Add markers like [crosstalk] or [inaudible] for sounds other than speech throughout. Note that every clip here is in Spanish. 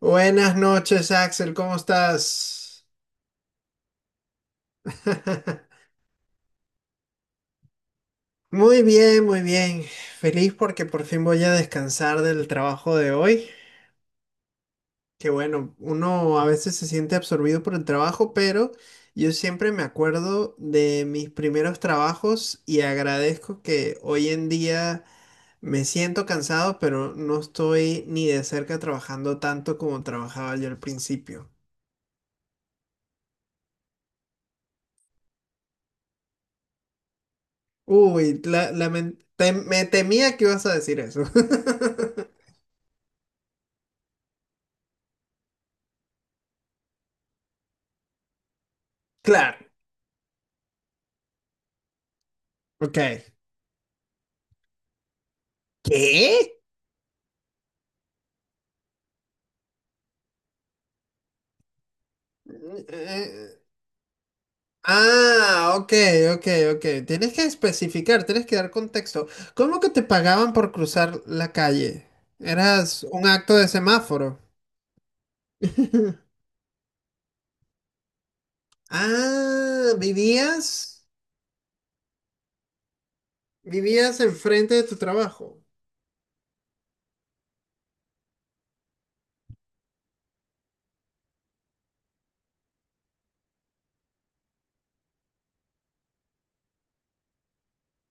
Buenas noches, Axel, ¿cómo estás? [laughs] Muy bien, muy bien. Feliz porque por fin voy a descansar del trabajo de hoy. Que bueno, uno a veces se siente absorbido por el trabajo, pero yo siempre me acuerdo de mis primeros trabajos y agradezco que hoy en día me siento cansado, pero no estoy ni de cerca trabajando tanto como trabajaba yo al principio. Uy, me temía que ibas a decir eso. [laughs] Claro, ok. ¿Qué? Eh, ok, ok, ok. Tienes que especificar, tienes que dar contexto. ¿Cómo que te pagaban por cruzar la calle? ¿Eras un acto de semáforo? [laughs] Ah, ¿vivías? ¿Vivías enfrente de tu trabajo?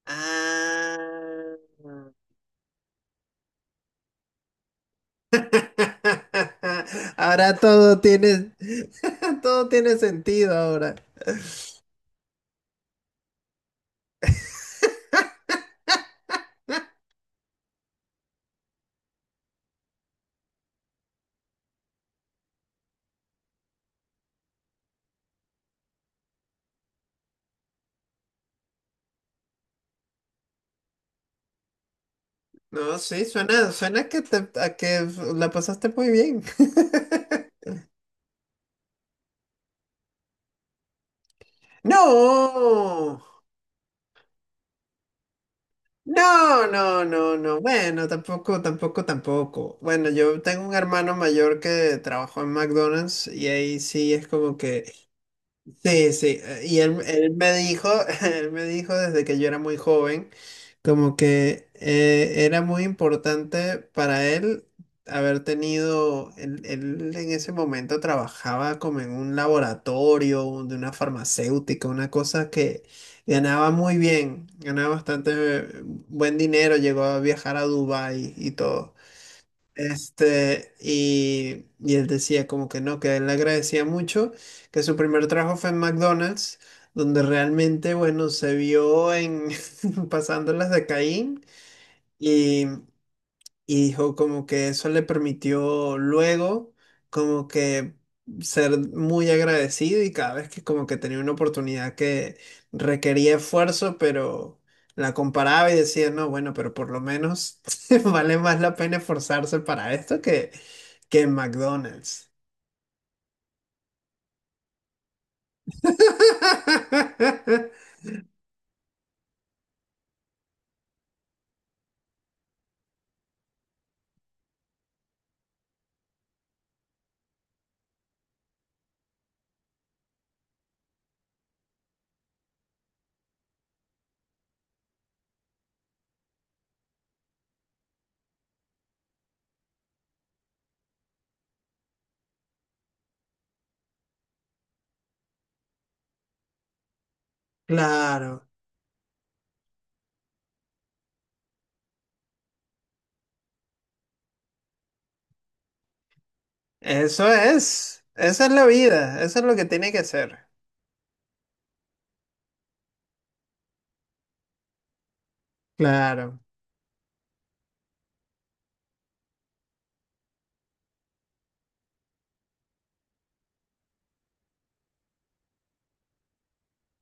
Ah. [laughs] Ahora todo tiene, [laughs] todo tiene sentido ahora. No, sí, suena, suena que te, a que la pasaste muy bien. [laughs] No, no, no, no, no. Bueno, tampoco, tampoco, tampoco. Bueno, yo tengo un hermano mayor que trabajó en McDonald's y ahí sí es como que sí, sí, y él me dijo, [laughs] él me dijo desde que yo era muy joven, como que era muy importante para él haber tenido, él en ese momento trabajaba como en un laboratorio de una farmacéutica, una cosa que ganaba muy bien, ganaba bastante buen dinero, llegó a viajar a Dubái y todo. Este, y él decía como que no, que él le agradecía mucho, que su primer trabajo fue en McDonald's, donde realmente, bueno, se vio en [laughs] pasándolas de Caín. Y dijo como que eso le permitió luego como que ser muy agradecido y cada vez que como que tenía una oportunidad que requería esfuerzo, pero la comparaba y decía, no, bueno, pero por lo menos [laughs] vale más la pena esforzarse para esto que en McDonald's. [laughs] Claro, eso es, esa es la vida, eso es lo que tiene que ser. Claro.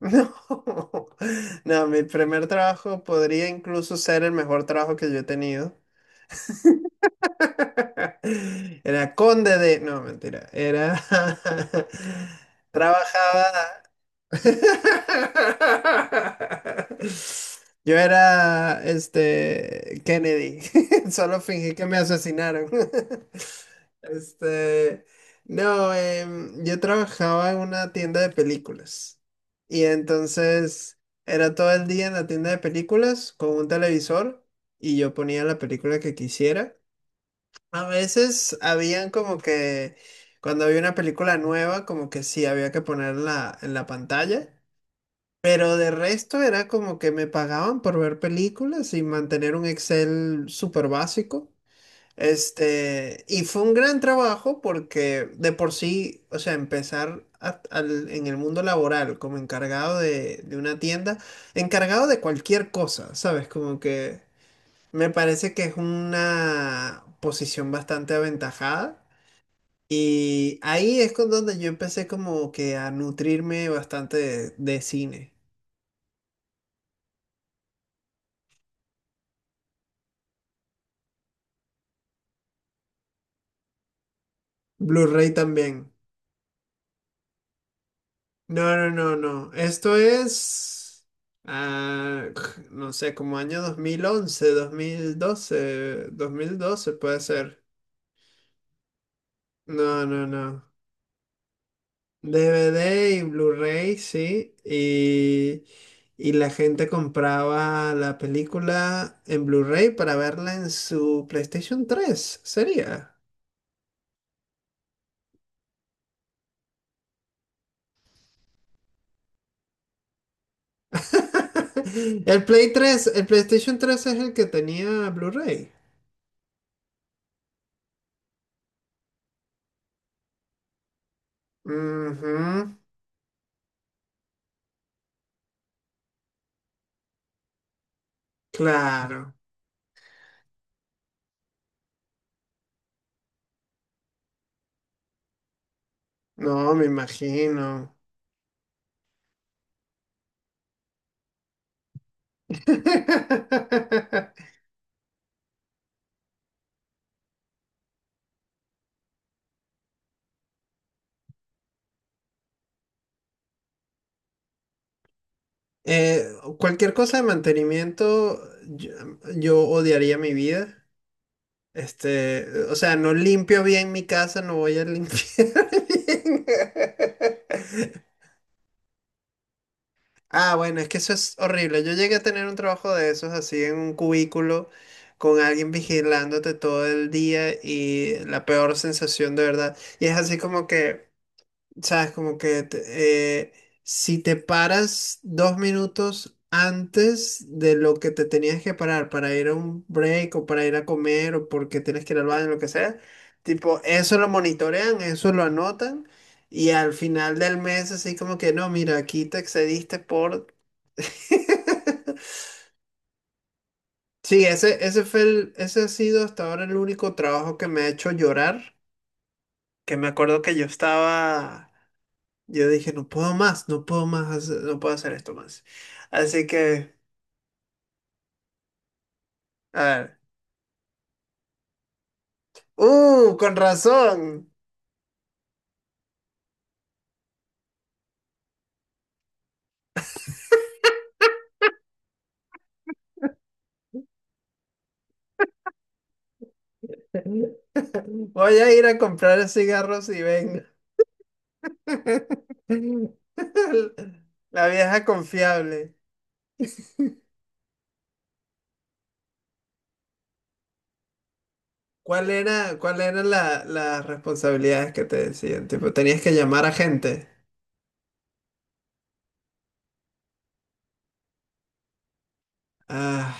No, [laughs] no, mi primer trabajo podría incluso ser el mejor trabajo que yo he tenido. [laughs] Era conde de... No, mentira. Era... [laughs] Trabajaba... [laughs] Yo era este Kennedy. [laughs] Solo fingí que me asesinaron. [laughs] Este, no, yo trabajaba en una tienda de películas. Y entonces era todo el día en la tienda de películas con un televisor y yo ponía la película que quisiera. A veces habían como que cuando había una película nueva, como que sí había que ponerla en la pantalla. Pero de resto era como que me pagaban por ver películas y mantener un Excel súper básico. Este, y fue un gran trabajo porque de por sí, o sea, en el mundo laboral como encargado de una tienda, encargado de cualquier cosa, ¿sabes? Como que me parece que es una posición bastante aventajada. Y ahí es con donde yo empecé como que a nutrirme bastante de cine. Blu-ray también. No, no, no, no. Esto es, ah, [clears throat] no sé, como año dos dos mil mil once, dos mil doce, dos mil doce puede ser. No, no, no. DVD y Blu-ray, sí. Y la gente compraba la película en Blu-ray para verla en su PlayStation tres. Sería. [laughs] El Play tres, el PlayStation tres es el que tenía Blu-ray. Ujú. Claro, no, me imagino. [laughs] Eh, cualquier cosa de mantenimiento, yo, yo odiaría mi vida. Este, o sea, no limpio bien mi casa, no voy a limpiar [laughs] bien. Ah, bueno, es que eso es horrible. Yo llegué a tener un trabajo de esos así en un cubículo con alguien vigilándote todo el día y la peor sensación de verdad. Y es así como que sabes, si te paras dos minutos antes de lo que te tenías que parar para ir a un break o para ir a comer o porque tienes que ir al baño, lo que sea, tipo, eso lo monitorean, eso lo anotan y al final del mes así como que no, mira, aquí te excediste por... [laughs] Sí, ese fue ese ha sido hasta ahora el único trabajo que me ha hecho llorar, que me acuerdo que yo estaba... Yo dije, no puedo más, no puedo más, no puedo hacer esto más. Así que, a ver. ¡Uh! Con razón. Voy a ir a comprar cigarros y venga. [laughs] La vieja confiable. ¿Cuál era, las responsabilidades que te decían? Tipo, tenías que llamar a gente. Ah.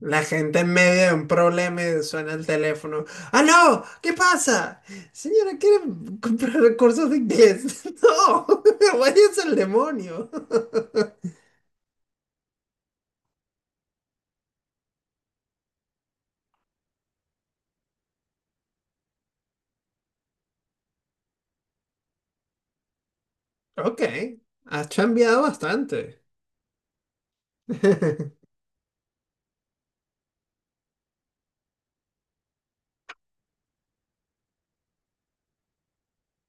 La gente en medio de un problema y suena el teléfono. ¡Ah, no! ¿Qué pasa? Señora, ¿quiere comprar cursos de inglés? [laughs] ¡No! [laughs] ¡Váyase al demonio! [laughs] Ok, has cambiado bastante.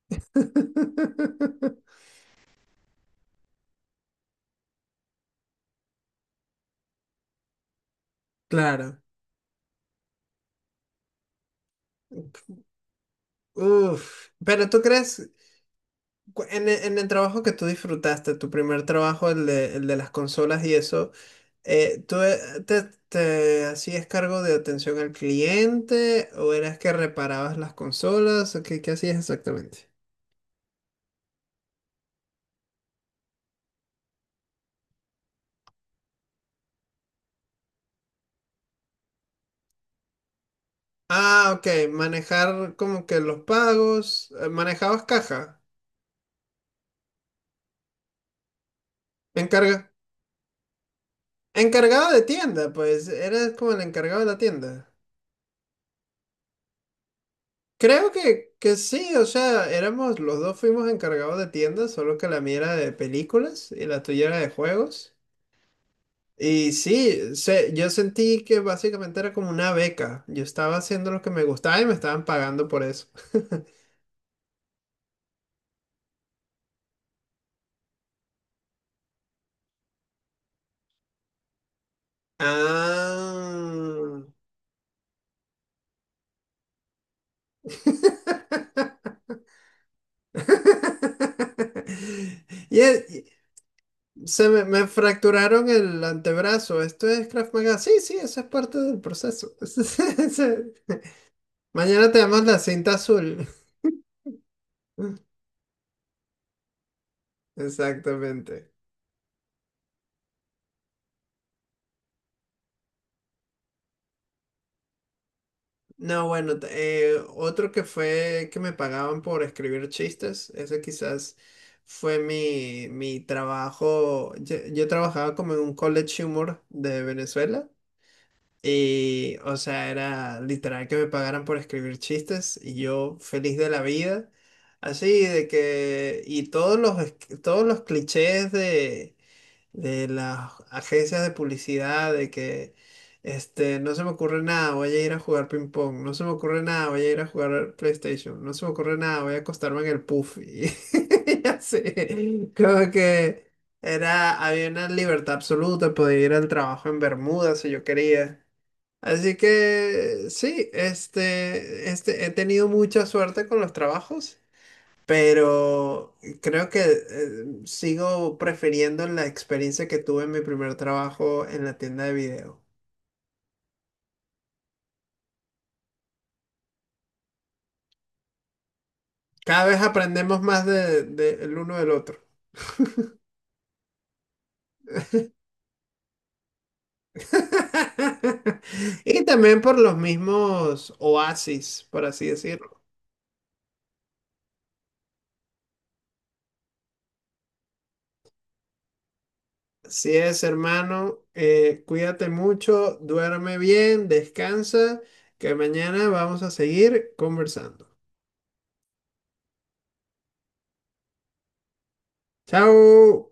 [laughs] Claro. Uf. Pero tú crees, en el trabajo que tú disfrutaste, tu primer trabajo, el de las consolas y eso, Eh, ¿tú eh, te, te hacías cargo de atención al cliente o eras que reparabas las consolas? ¿O qué hacías exactamente? Ah, ok, manejar como que los pagos, manejabas caja, encarga, encargado de tienda, pues eras como el encargado de la tienda. Creo que sí, o sea, éramos, los dos fuimos encargados de tienda, solo que la mía era de películas y la tuya era de juegos. Y sí, yo sentí que básicamente era como una beca. Yo estaba haciendo lo que me gustaba y me estaban pagando por eso. [laughs] Ah. [laughs] Y y me fracturaron el antebrazo. Esto es Krav Maga. Sí, sí, eso es parte del proceso. [laughs] Mañana tenemos la cinta azul. [laughs] Exactamente. No, bueno, otro que fue que me pagaban por escribir chistes, ese quizás fue mi trabajo. Yo trabajaba como en un college humor de Venezuela y, o sea, era literal que me pagaran por escribir chistes y yo feliz de la vida, así de que, todos los clichés de las agencias de publicidad, de que este, no se me ocurre nada, voy a ir a jugar ping pong, no se me ocurre nada, voy a ir a jugar PlayStation, no se me ocurre nada, voy a acostarme en el puff. Y, [laughs] y así, como que era, había una libertad absoluta, podía ir al trabajo en Bermuda si yo quería. Así que sí, este, he tenido mucha suerte con los trabajos, pero creo que sigo prefiriendo la experiencia que tuve en mi primer trabajo en la tienda de video. Cada vez aprendemos más de, el uno del otro. [laughs] Y también por los mismos oasis, por así decirlo. Así es, hermano, cuídate mucho, duerme bien, descansa, que mañana vamos a seguir conversando. Chao.